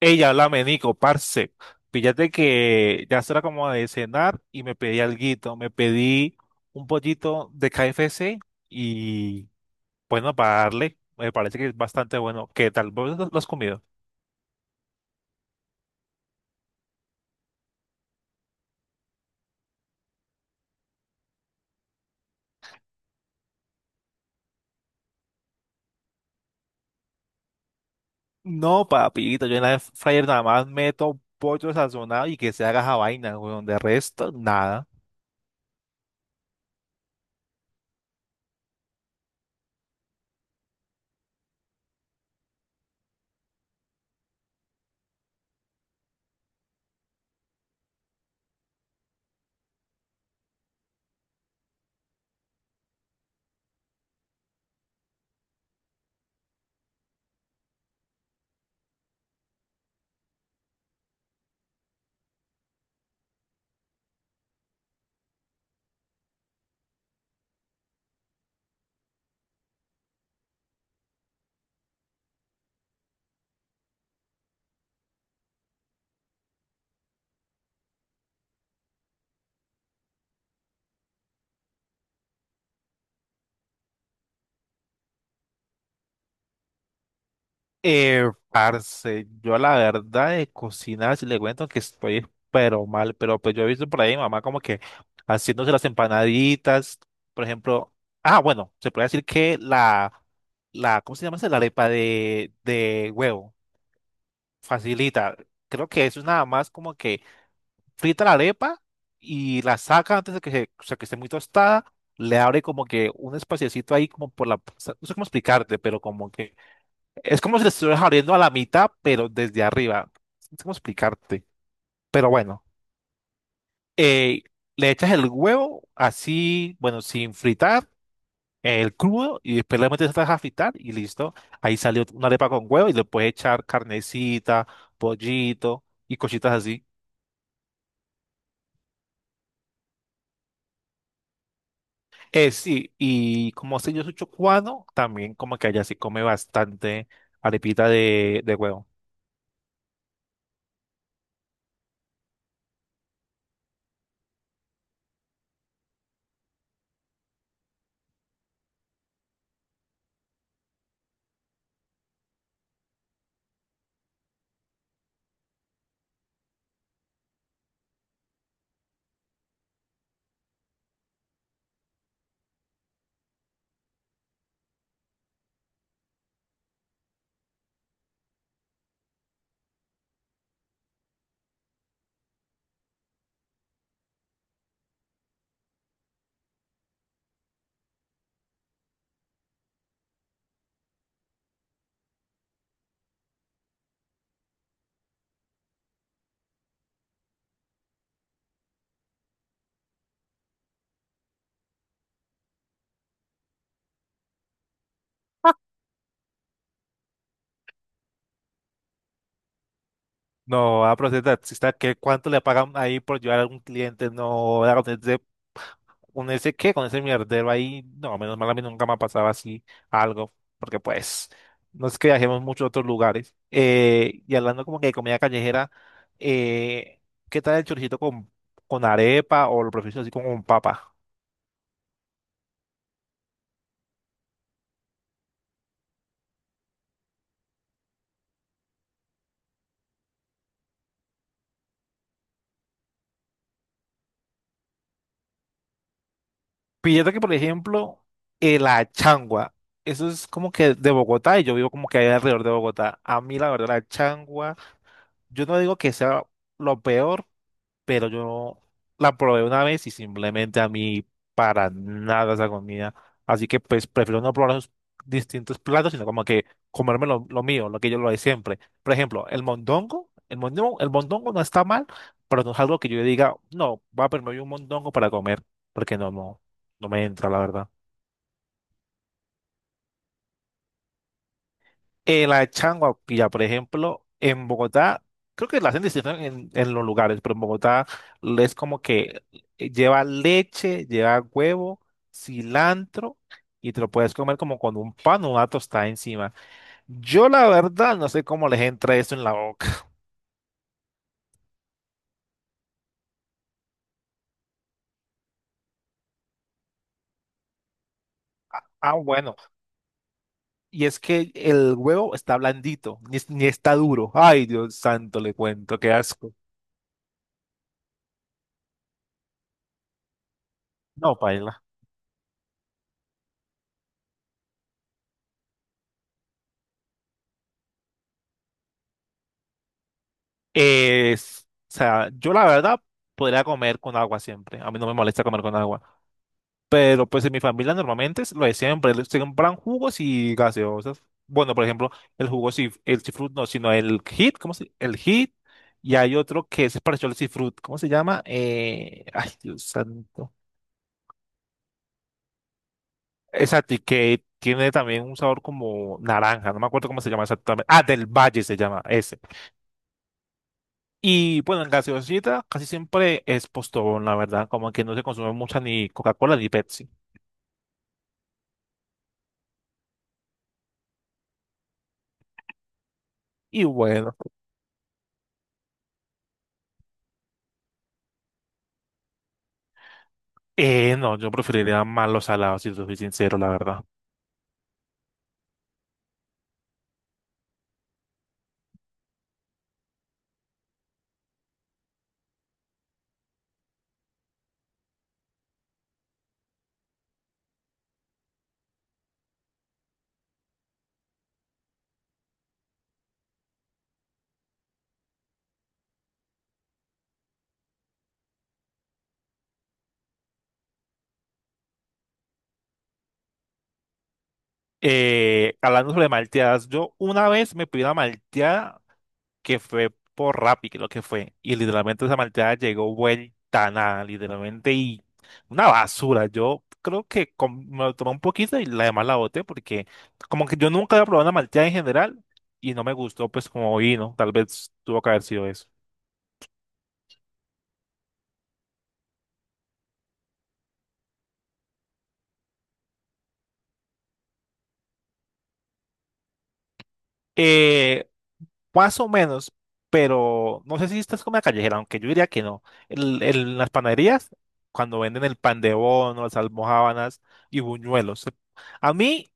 Ella, háblame, Nico, parce. Fíjate que ya será como de cenar y me pedí alguito. Me pedí un pollito de KFC y bueno, para darle, me parece que es bastante bueno. ¿Qué tal? ¿Vos lo has comido? No, papito, yo en la air fryer nada más meto pollo sazonado y que se haga esa vaina, weón. De resto, nada. Parce, yo la verdad de cocinar, si le cuento que estoy pero mal, pero pues yo he visto por ahí mamá como que haciéndose las empanaditas, por ejemplo, ah, bueno, se puede decir que la, ¿cómo se llama esa? La arepa de huevo, facilita, creo que eso es nada más como que frita la arepa y la saca antes de que, se, o sea, que esté muy tostada, le abre como que un espaciecito ahí como por la, no sé cómo explicarte, pero como que es como si le estuvieras abriendo a la mitad, pero desde arriba. No sé cómo explicarte. Pero bueno, eh, le echas el huevo así, bueno, sin fritar, el crudo, y después le metes atrás a fritar y listo. Ahí salió una arepa con huevo y le puedes echar carnecita, pollito y cositas así. Sí, y como sé yo soy chocuano, también como que allá se come bastante arepita de huevo. No, a pero si está que cuánto le pagan ahí por llevar a algún cliente, no, con ese qué, con ese mierdero ahí, no, menos mal a mí nunca me ha pasado así algo, porque pues no es que viajemos mucho a otros lugares. Y hablando como que de comida callejera, eh, ¿qué tal el choricito con arepa o lo prefiero así como con papa? Fíjate que, por ejemplo, la changua, eso es como que de Bogotá y yo vivo como que ahí alrededor de Bogotá. A mí, la verdad, la changua, yo no digo que sea lo peor, pero yo la probé una vez y simplemente a mí para nada esa comida. Así que pues prefiero no probar esos distintos platos, sino como que comerme lo mío, lo que yo lo de siempre. Por ejemplo, el mondongo, el mondongo, el mondongo no está mal, pero no es algo que yo diga, no, va a permitir un mondongo para comer, porque no, no, no me entra, la verdad. La changua, pilla, por ejemplo, en Bogotá, creo que la hacen distinto en los lugares, pero en Bogotá es como que lleva leche, lleva huevo, cilantro y te lo puedes comer como con un pan o una tostada encima. Yo la verdad no sé cómo les entra eso en la boca. Ah, bueno, y es que el huevo está blandito, ni, es- ni está duro. Ay, Dios santo, le cuento, qué asco. No, paila. O sea, yo la verdad podría comer con agua siempre. A mí no me molesta comer con agua. Pero pues en mi familia normalmente es lo de siempre. Se compran jugos y gaseosas. Bueno, por ejemplo, el jugo, si el cifrut no, sino el hit, ¿cómo se? El hit. Y hay otro que es parecido al cifrut. ¿Cómo se llama? Ay, Dios santo. Exacto, y que tiene también un sabor como naranja. No me acuerdo cómo se llama exactamente. Ah, del Valle se llama ese. Y bueno, en gaseosita casi siempre es Postobón, la verdad, como que no se consume mucha ni Coca-Cola ni Pepsi. Y bueno, no, yo preferiría más los salados, si te soy sincero, la verdad. Hablando sobre malteadas, yo una vez me pedí una malteada que fue por Rappi, creo que fue. Y literalmente esa malteada llegó vuelta a nada, literalmente, y una basura. Yo creo que me lo tomé un poquito y la demás la boté porque como que yo nunca había probado una malteada en general y no me gustó pues como vino. Tal vez tuvo que haber sido eso. Eh, Más o menos, pero no sé si esta es comida callejera, aunque yo diría que no. En las panaderías, cuando venden el pan de bono, las almojábanas y buñuelos. A mí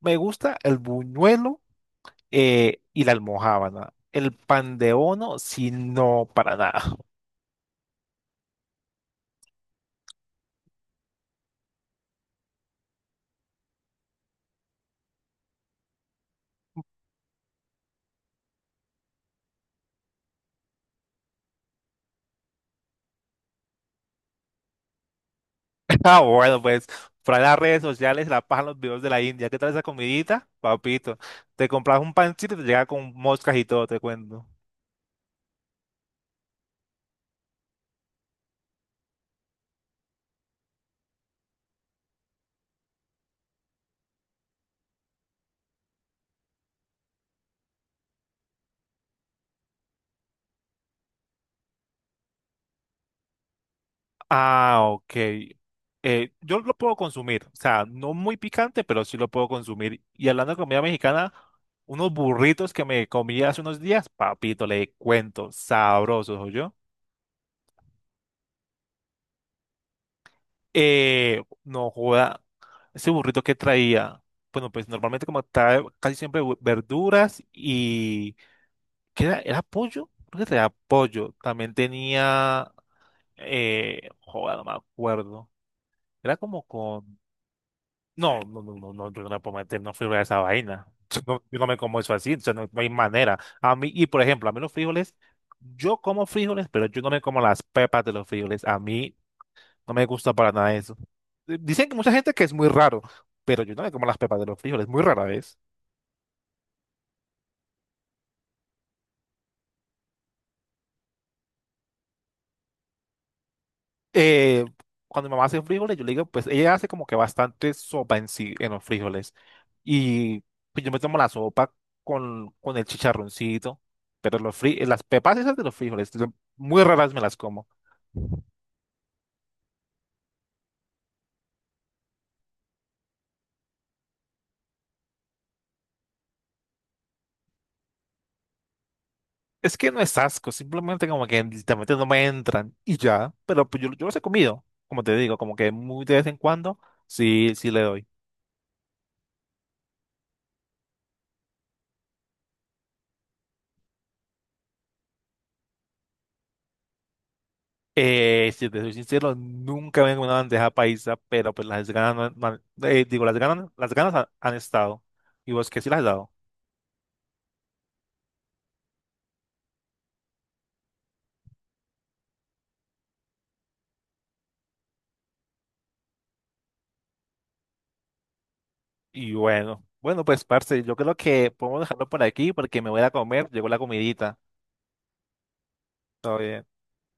me gusta el buñuelo y la almojábana. El pan de bono, si no, para nada. Ah, bueno, pues, para las redes sociales, la paja, los videos de la India. ¿Qué tal esa comidita? Papito, te compras un pancito y te llega con moscas y todo, te cuento. Ah, ok. Yo lo puedo consumir, o sea, no muy picante, pero sí lo puedo consumir. Y hablando de comida mexicana, unos burritos que me comí hace unos días, papito, le cuento, sabrosos, yo. No joda. Ese burrito que traía, bueno, pues normalmente como trae casi siempre verduras y ¿qué era? ¿Era pollo? Creo que traía pollo. También tenía, joder, no me acuerdo. Era como con, no, no, no, no, no, yo no le puedo meter una fibra a esa vaina. Yo no me como eso así, o sea, no, no hay manera. A mí, y por ejemplo, a mí los frijoles, yo como frijoles, pero yo no me como las pepas de los frijoles. A mí no me gusta para nada eso. Dicen que mucha gente que es muy raro, pero yo no me como las pepas de los frijoles, muy rara vez. Eh, cuando mi mamá hace frijoles, yo le digo, pues ella hace como que bastante sopa en sí, en los frijoles. Y pues yo me tomo la sopa con el chicharroncito, pero los fri las pepas esas de los frijoles, yo muy raras me las como. Es que no es asco, simplemente como que literalmente no me entran y ya, pero pues yo los he comido, como te digo, como que muy de vez en cuando, sí, sí le doy. Si te soy sincero, nunca me he comido una bandeja paisa, pero pues las ganas, no han- no han- digo, las ganas han, han estado y vos que sí las has dado. Y bueno, pues parce, yo creo que podemos dejarlo por aquí porque me voy a comer, llegó la comidita. Todo bien.